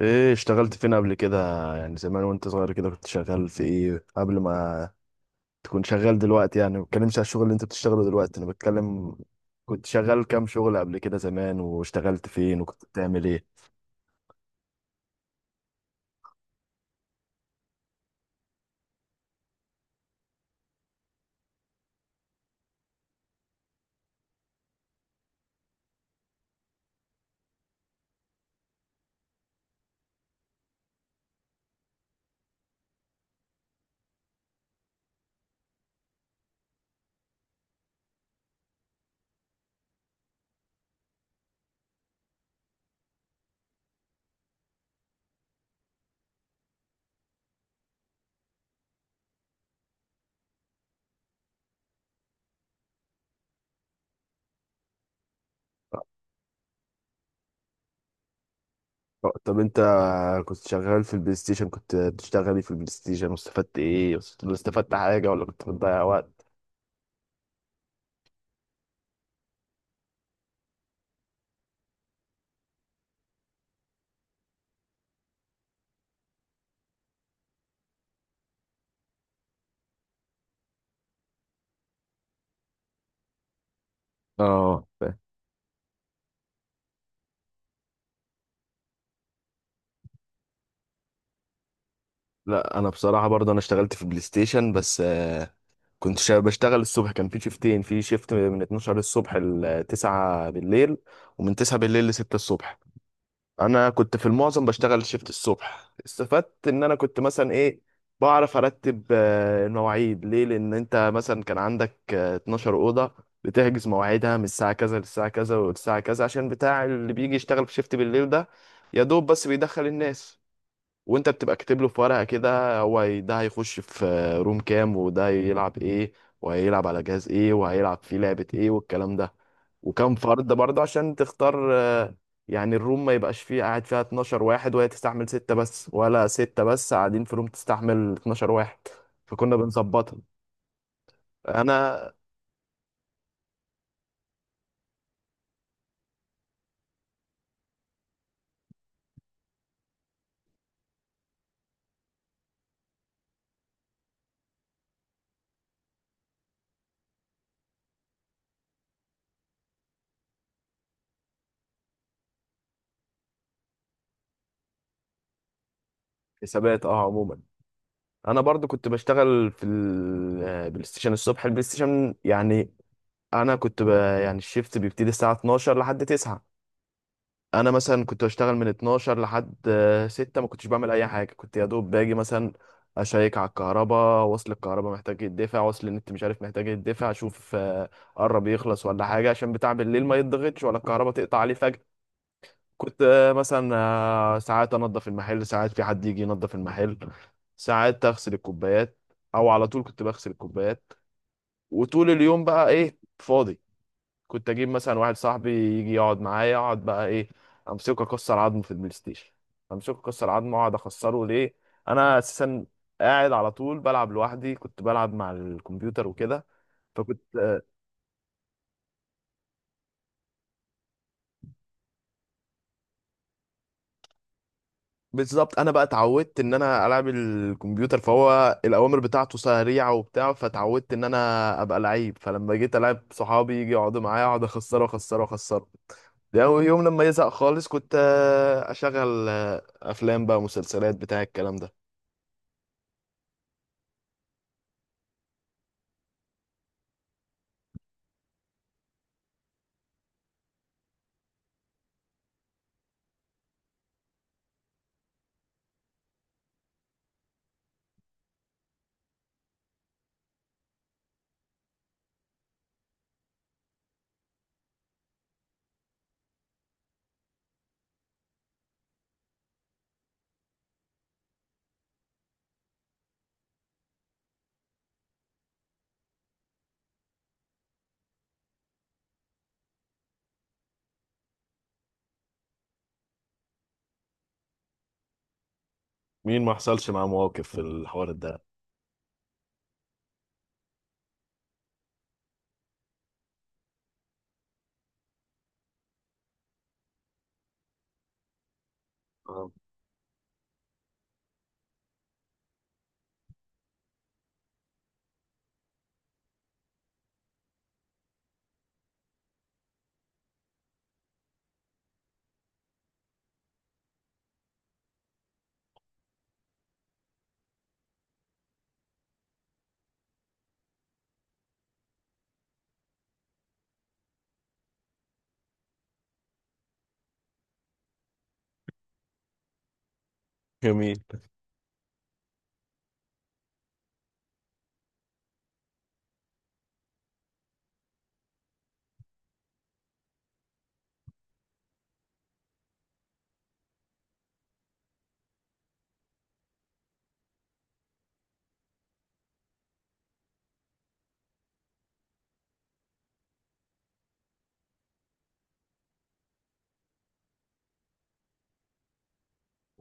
ايه اشتغلت فين قبل كده؟ يعني زمان وانت صغير كده كنت شغال في ايه قبل ما تكون شغال دلوقتي؟ يعني ما بتكلمش على الشغل اللي انت بتشتغله دلوقتي، انا بتكلم كنت شغال كام شغل قبل كده زمان واشتغلت فين وكنت بتعمل ايه؟ طب انت كنت شغال في البلاي ستيشن، كنت بتشتغل ايه في البلاي ستيشن واستفدت ايه؟ استفدت حاجة ولا كنت بتضيع وقت؟ اه فاهم. لا انا بصراحة برضه انا اشتغلت في البلاي ستيشن، بس بشتغل الصبح، كان في شيفتين، في شيفت من 12 الصبح ل 9 بالليل، ومن 9 بالليل ل 6 الصبح. انا كنت في المعظم بشتغل شيفت الصبح، استفدت ان انا كنت مثلا ايه، بعرف ارتب المواعيد، ليه؟ لان انت مثلا كان عندك 12 اوضه، بتحجز مواعيدها من الساعه كذا للساعه كذا والساعه كذا، عشان بتاع اللي بيجي يشتغل في شيفت بالليل ده يا دوب بس بيدخل الناس. وانت بتبقى كاتب له في ورقه كده، هو ده هيخش في روم كام، وده هيلعب ايه، وهيلعب على جهاز ايه، وهيلعب في لعبه ايه، والكلام ده. وكم فرد برضه عشان تختار، يعني الروم ما يبقاش فيه قاعد فيها 12 واحد وهي تستحمل ستة بس، ولا ستة بس قاعدين في روم تستحمل 12 واحد. فكنا بنظبطها. انا حسابات اه عموما. انا برضو كنت بشتغل في البلاي ستيشن الصبح، البلاي ستيشن يعني. انا كنت ب... يعني الشيفت بيبتدي الساعه 12 لحد 9. انا مثلا كنت بشتغل من 12 لحد 6، ما كنتش بعمل اي حاجه، كنت يا دوب باجي مثلا اشيك على الكهرباء، وصل الكهرباء محتاج يدفع، وصل النت مش عارف محتاج يدفع، اشوف قرب يخلص ولا حاجه، عشان بتاع بالليل ما يتضغطش ولا الكهرباء تقطع عليه فجاه. كنت مثلا ساعات انضف المحل، ساعات في حد يجي ينضف المحل، ساعات اغسل الكوبايات، او على طول كنت بغسل الكوبايات. وطول اليوم بقى ايه، فاضي، كنت اجيب مثلا واحد صاحبي يجي يقعد معايا، اقعد بقى ايه، امسكه اكسر عظمه في البلاي ستيشن. امسكه اكسر عظمه، اقعد اخسره ليه؟ انا اساسا قاعد على طول بلعب لوحدي، كنت بلعب مع الكمبيوتر وكده. فكنت بالظبط انا بقى اتعودت ان انا العب الكمبيوتر، فهو الاوامر بتاعته سريعه وبتاع، فتعودت ان انا ابقى لعيب. فلما جيت العب صحابي يجي يقعدوا معايا، اقعد اخسره اخسره اخسره. ده أول يوم، لما يزهق خالص كنت اشغل افلام بقى مسلسلات بتاع الكلام ده. مين ما حصلش معاه مواقف في الحوار ده؟ آه. جميل.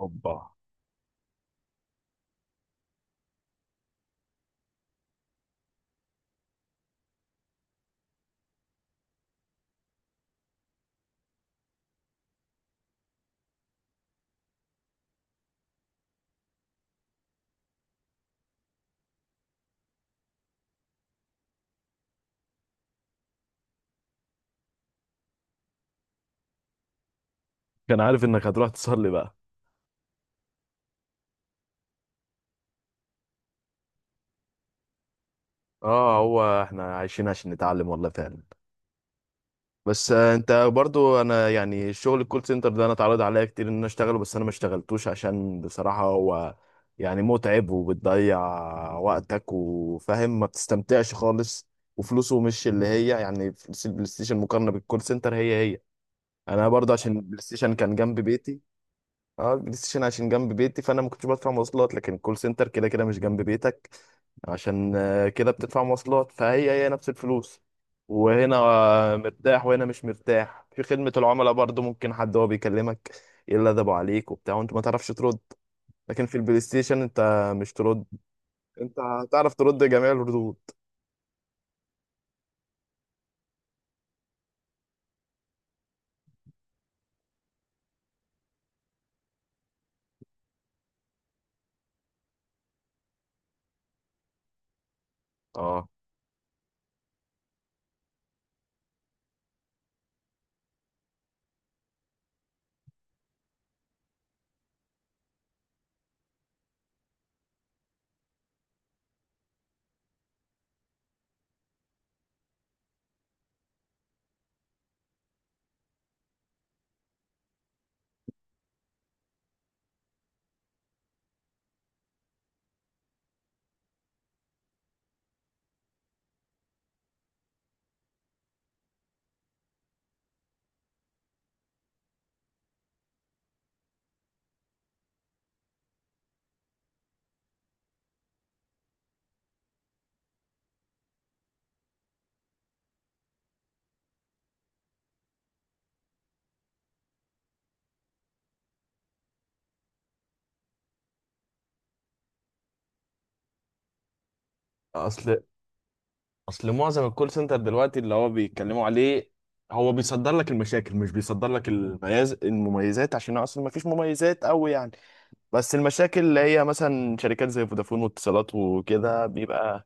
اوبا. كان عارف انك هتروح تصلي بقى؟ اه هو احنا عايشين عشان نتعلم، والله فعلا. بس انت برضو، انا يعني شغل الكول سنتر ده انا اتعرض عليا كتير ان انا اشتغله، بس انا ما اشتغلتوش عشان بصراحة هو يعني متعب، وبتضيع وقتك، وفاهم، ما بتستمتعش خالص، وفلوسه مش اللي هي يعني فلوس البلاي ستيشن مقارنة بالكول سنتر هي هي. انا برضو عشان البلاي ستيشن كان جنب بيتي. اه البلاي ستيشن عشان جنب بيتي فانا ما كنتش بدفع مواصلات، لكن كول سنتر كده كده مش جنب بيتك، عشان كده بتدفع مواصلات، فهي هي نفس الفلوس. وهنا مرتاح، وهنا مش مرتاح. في خدمة العملاء برضو ممكن حد هو بيكلمك يلدبوا عليك وبتاع، وانت ما تعرفش ترد. لكن في البلاي ستيشن انت مش ترد، انت هتعرف ترد جميع الردود. اه، اصل، اصل معظم الكول سنتر دلوقتي اللي هو بيتكلموا عليه هو بيصدر لك المشاكل، مش بيصدر لك المميز المميزات، عشان اصلا ما فيش مميزات قوي يعني. بس المشاكل اللي هي مثلا شركات زي فودافون واتصالات وكده بيبقى،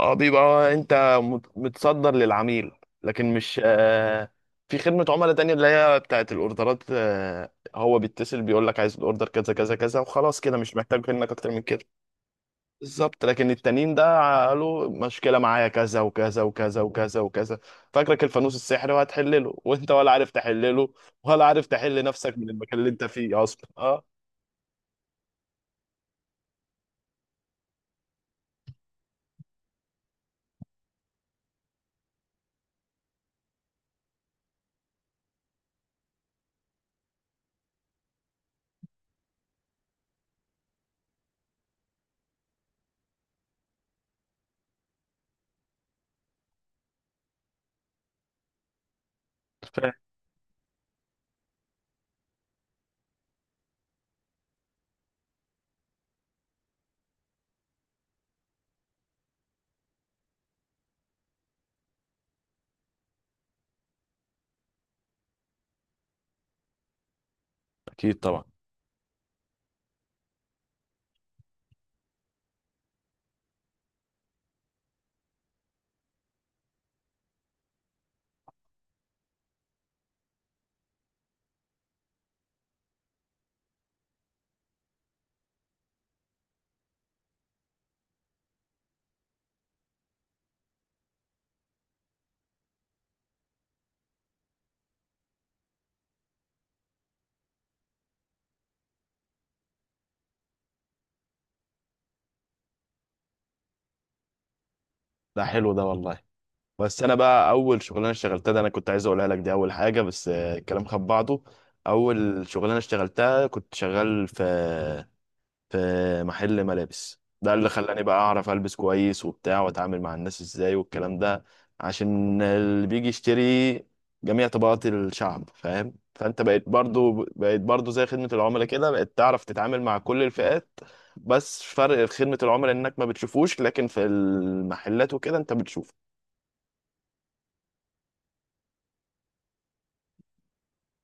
اه بيبقى انت متصدر للعميل، لكن مش في خدمة عملاء تانية اللي هي بتاعت الاوردرات، هو بيتصل بيقول لك عايز الاوردر كذا كذا كذا، وخلاص كده مش محتاج منك اكتر من كده. بالظبط، لكن التانيين ده قالوا مشكلة معايا كذا وكذا وكذا وكذا وكذا، فاكرك الفانوس السحري وهتحلله، وانت ولا عارف تحلله ولا عارف تحل نفسك من المكان اللي انت فيه اصلا. اه فاهم. اكيد طبعا. ده حلو ده والله. بس انا بقى اول شغلانه اشتغلتها، ده انا كنت عايز اقولها لك، دي اول حاجه، بس الكلام خد بعضه. اول شغلانه اشتغلتها كنت شغال في محل ملابس، ده اللي خلاني بقى اعرف البس كويس وبتاع، واتعامل مع الناس ازاي والكلام ده، عشان اللي بيجي يشتري جميع طبقات الشعب، فاهم؟ فانت بقيت برضو زي خدمة العملاء كده، بقيت تعرف تتعامل مع كل الفئات. بس فرق في خدمة العملاء انك ما بتشوفوش، لكن في المحلات وكده انت بتشوفه.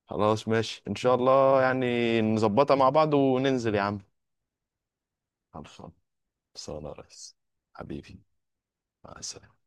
خلاص ماشي ان شاء الله، يعني نظبطها مع بعض وننزل يا عم. خلصان. خلصان يا ريس. حبيبي. مع السلامة.